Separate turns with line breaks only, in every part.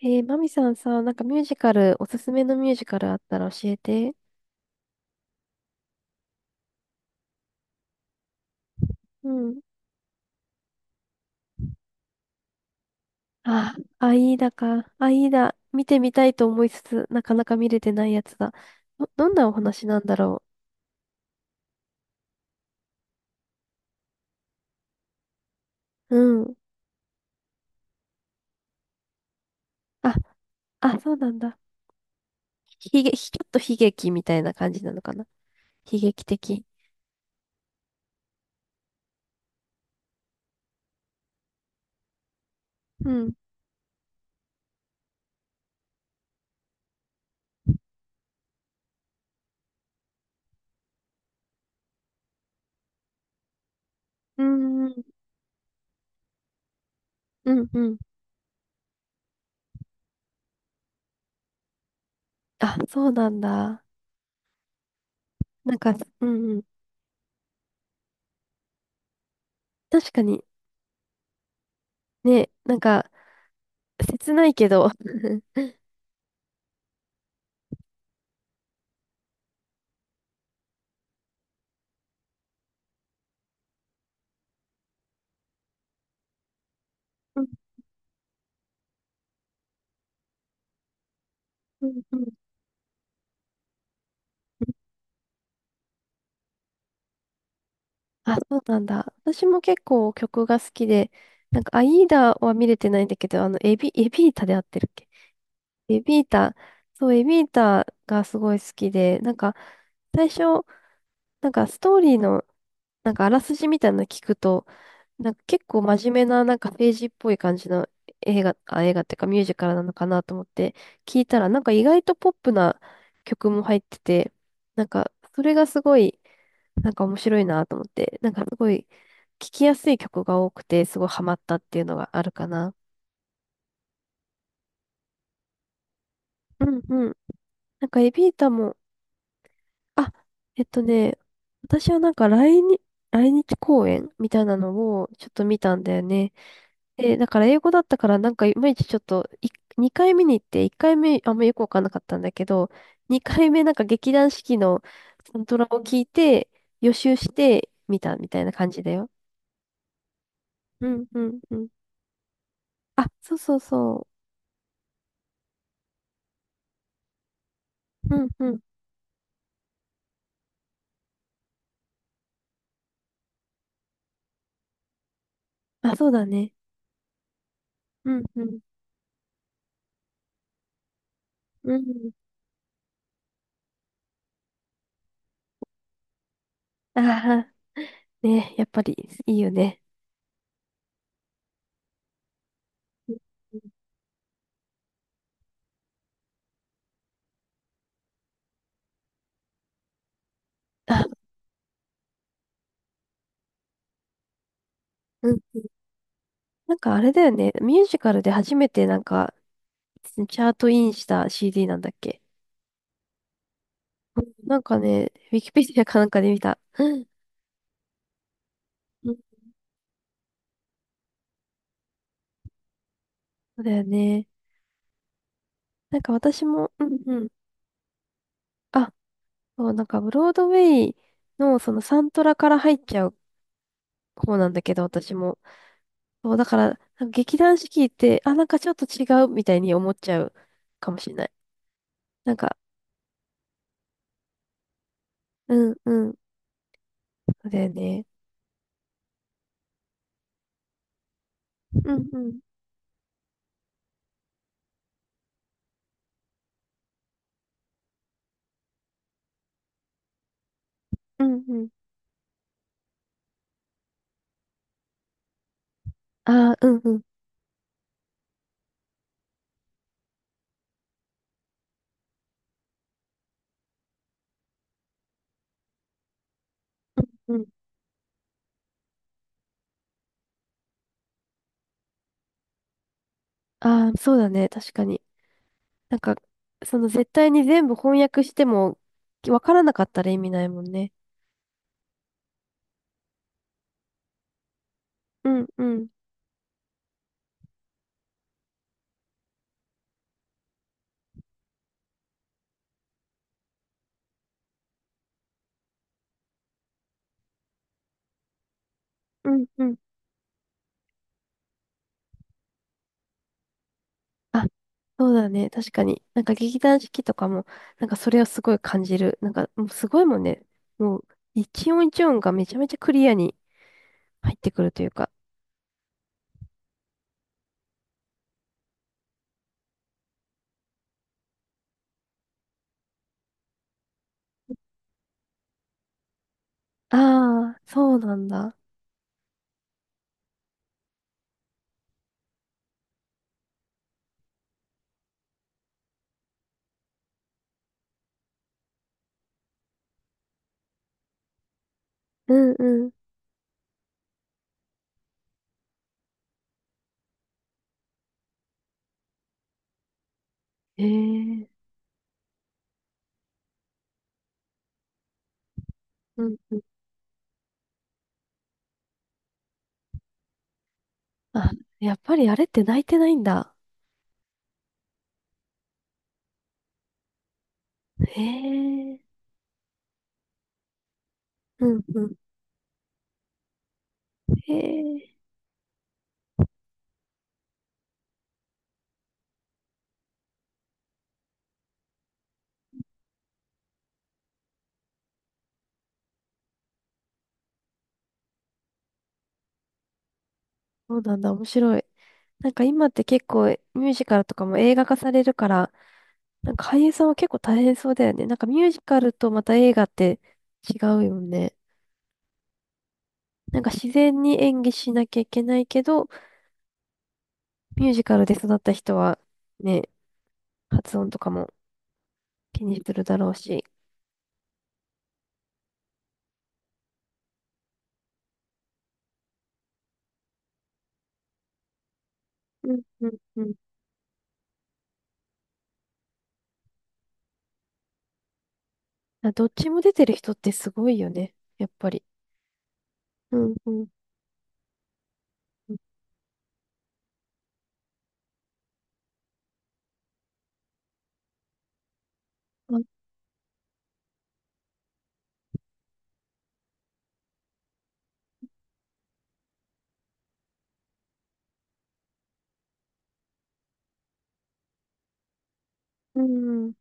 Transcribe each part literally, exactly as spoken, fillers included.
えー、マミさんさ、なんかミュージカル、おすすめのミュージカルあったら教えて。うん。あ、アイーダか。アイーダ、見てみたいと思いつつ、なかなか見れてないやつだ。ど、どんなお話なんだろう。うん。あ、あ、そうなんだ。ひげ、ひちょっと悲劇みたいな感じなのかな。悲劇的。うん。うん、うん、うん、うん。あ、そうなんだ。なんか、うん、うん。確かに、ね、なんか、切ないけど。うん、うん、うん。あ、そうなんだ。私も結構曲が好きで、なんか、アイーダは見れてないんだけど、あの、エビ、エビータで合ってるっけ。エビータ、そう、エビータがすごい好きで、なんか、最初、なんかストーリーの、なんかあらすじみたいなの聞くと、なんか結構真面目な、なんか政治っぽい感じの映画、あ、映画っていうかミュージカルなのかなと思って聞いたら、なんか意外とポップな曲も入ってて、なんかそれがすごいなんか面白いなと思って、なんかすごい聞きやすい曲が多くて、すごいハマったっていうのがあるかな。うんうん。なんかエビータも、あ、えっとね、私はなんか来日、来日公演みたいなのをちょっと見たんだよね。で、だから英語だったからなんかいまいちちょっとい、にかいめに行って、いっかいめあんまよくわかんなかったんだけど、にかいめなんか劇団四季のサントラを聞いて、予習して見たみたいな感じだよ。うんうんうん。あ、そうそうそう。うんうん。あ、そうだね。うんうん。うん。ああ、ね、やっぱりいいよね。うんうん。あ、うん。なんかあれだよね。ミュージカルで初めてなんか、チャートインした シーディー なんだっけ。うん、なんかね、ウィキペディアかなんかで見た。うん、うん。そうだよね。なんか私も、うんうん。あ、そう、なんかブロードウェイのそのサントラから入っちゃう方なんだけど、私も。そう、だから、なんか劇団四季って、あ、なんかちょっと違うみたいに思っちゃうかもしれない。なんか、うんうん。そうだよね。うんうん。うんうん。ああ、うんうん。うん。ああ、そうだね。確かに。なんか、その絶対に全部翻訳しても、わからなかったら意味ないもんね。うんうん、うんうん。あ、そうだね。確かに。なんか劇団四季とかも、なんかそれをすごい感じる。なんかもうすごいもんね。もう一音一音がめちゃめちゃクリアに入ってくるというか。ああ、そうなんだ。うんうん。へえ。うんうん。あ、やっぱりあれって泣いてないんだ。へえ。うんうん。へえ。そうなんだ。面白い。なんか今って結構ミュージカルとかも映画化されるから、なんか俳優さんは結構大変そうだよね。なんかミュージカルとまた映画って違うよね。なんか自然に演技しなきゃいけないけど、ミュージカルで育った人はね、発音とかも気にするだろうし。うんうんうん。あ、どっちも出てる人ってすごいよね。やっぱり。うんうんうん。あ、うん。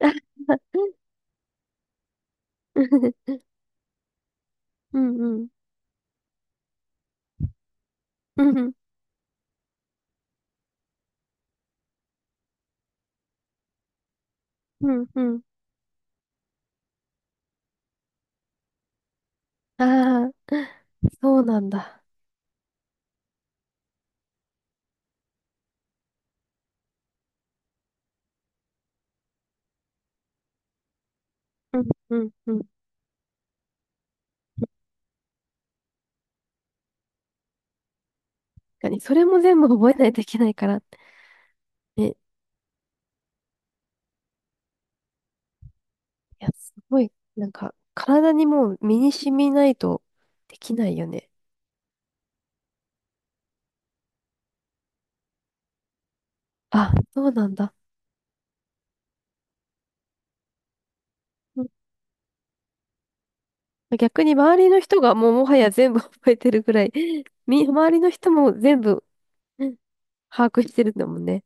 うんうん。うんうん。うんうん。ああ、そうなんだ。うんうんうん。確かに、それも全部覚えないといけないから。ね、いや、すごい、なんか、体にもう身に染みないとできないよね。あ、そうなんだ。うん。逆に周りの人がもうもはや全部 覚えてるぐらい、み、周りの人も全部うん把握してるんだもんね。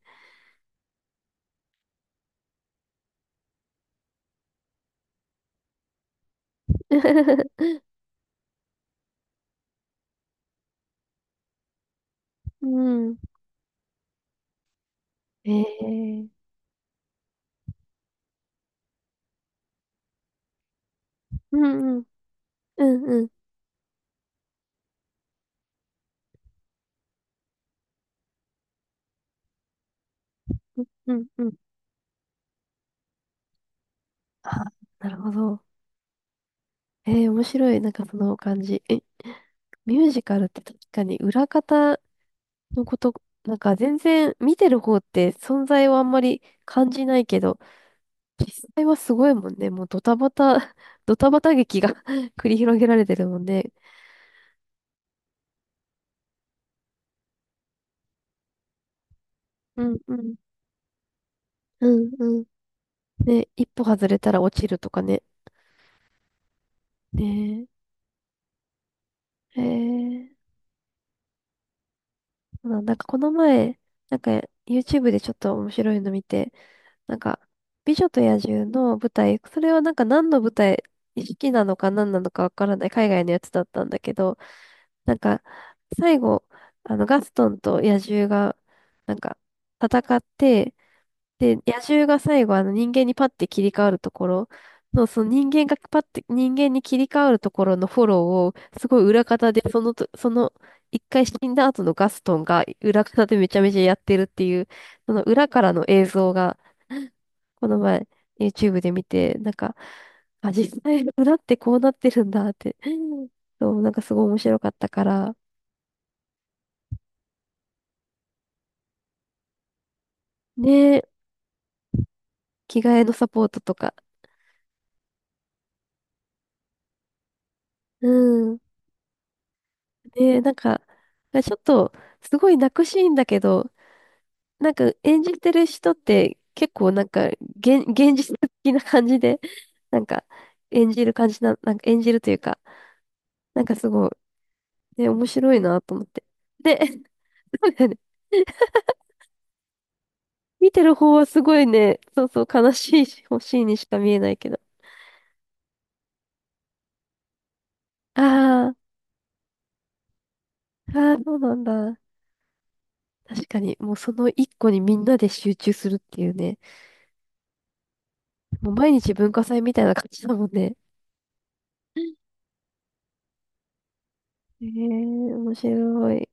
うん。ええ、うんうん。うんうん。うんうん。あ、なるほど。えー、面白い。なんかその感じ。え、ミュージカルって確かに裏方のこと、なんか全然見てる方って存在をあんまり感じないけど、実際はすごいもんね。もうドタバタ、ドタバタ劇が 繰り広げられてるもんね。うんうん。うんうん。ね、一歩外れたら落ちるとかね。ねえ。えー、そうなんだ。なんかこの前、なんか YouTube でちょっと面白いの見て、なんか、美女と野獣の舞台、それはなんか何の舞台、意識なのか何なのかわからない海外のやつだったんだけど、なんか、最後、あの、ガストンと野獣が、なんか、戦って、で、野獣が最後、あの、人間にパッて切り替わるところの、その人間がパッて、人間に切り替わるところのフォローを、すごい裏方で、そのと、その、一回死んだ後のガストンが裏方でめちゃめちゃやってるっていう、その裏からの映像が、この前 YouTube で見て、なんか、あ、実際裏ってこうなってるんだって、そう、なんかすごい面白かったから、ねえ、着替えのサポートとか、うん、ねえ、なんか、ちょっと、すごい泣くシーンだけど、なんか演じてる人って結構なんか、現、現実的な感じで、なんか、演じる感じな、なんか演じるというか、なんかすごい、ね、面白いなと思って。で、そうだよね。見てる方はすごいね、そうそう、悲しいし、欲しいにしか見えないけど。ああ、ああ、そうなんだ。確かに、もうその一個にみんなで集中するっていうね。もう毎日文化祭みたいな感じだもんね。へえ、面白い。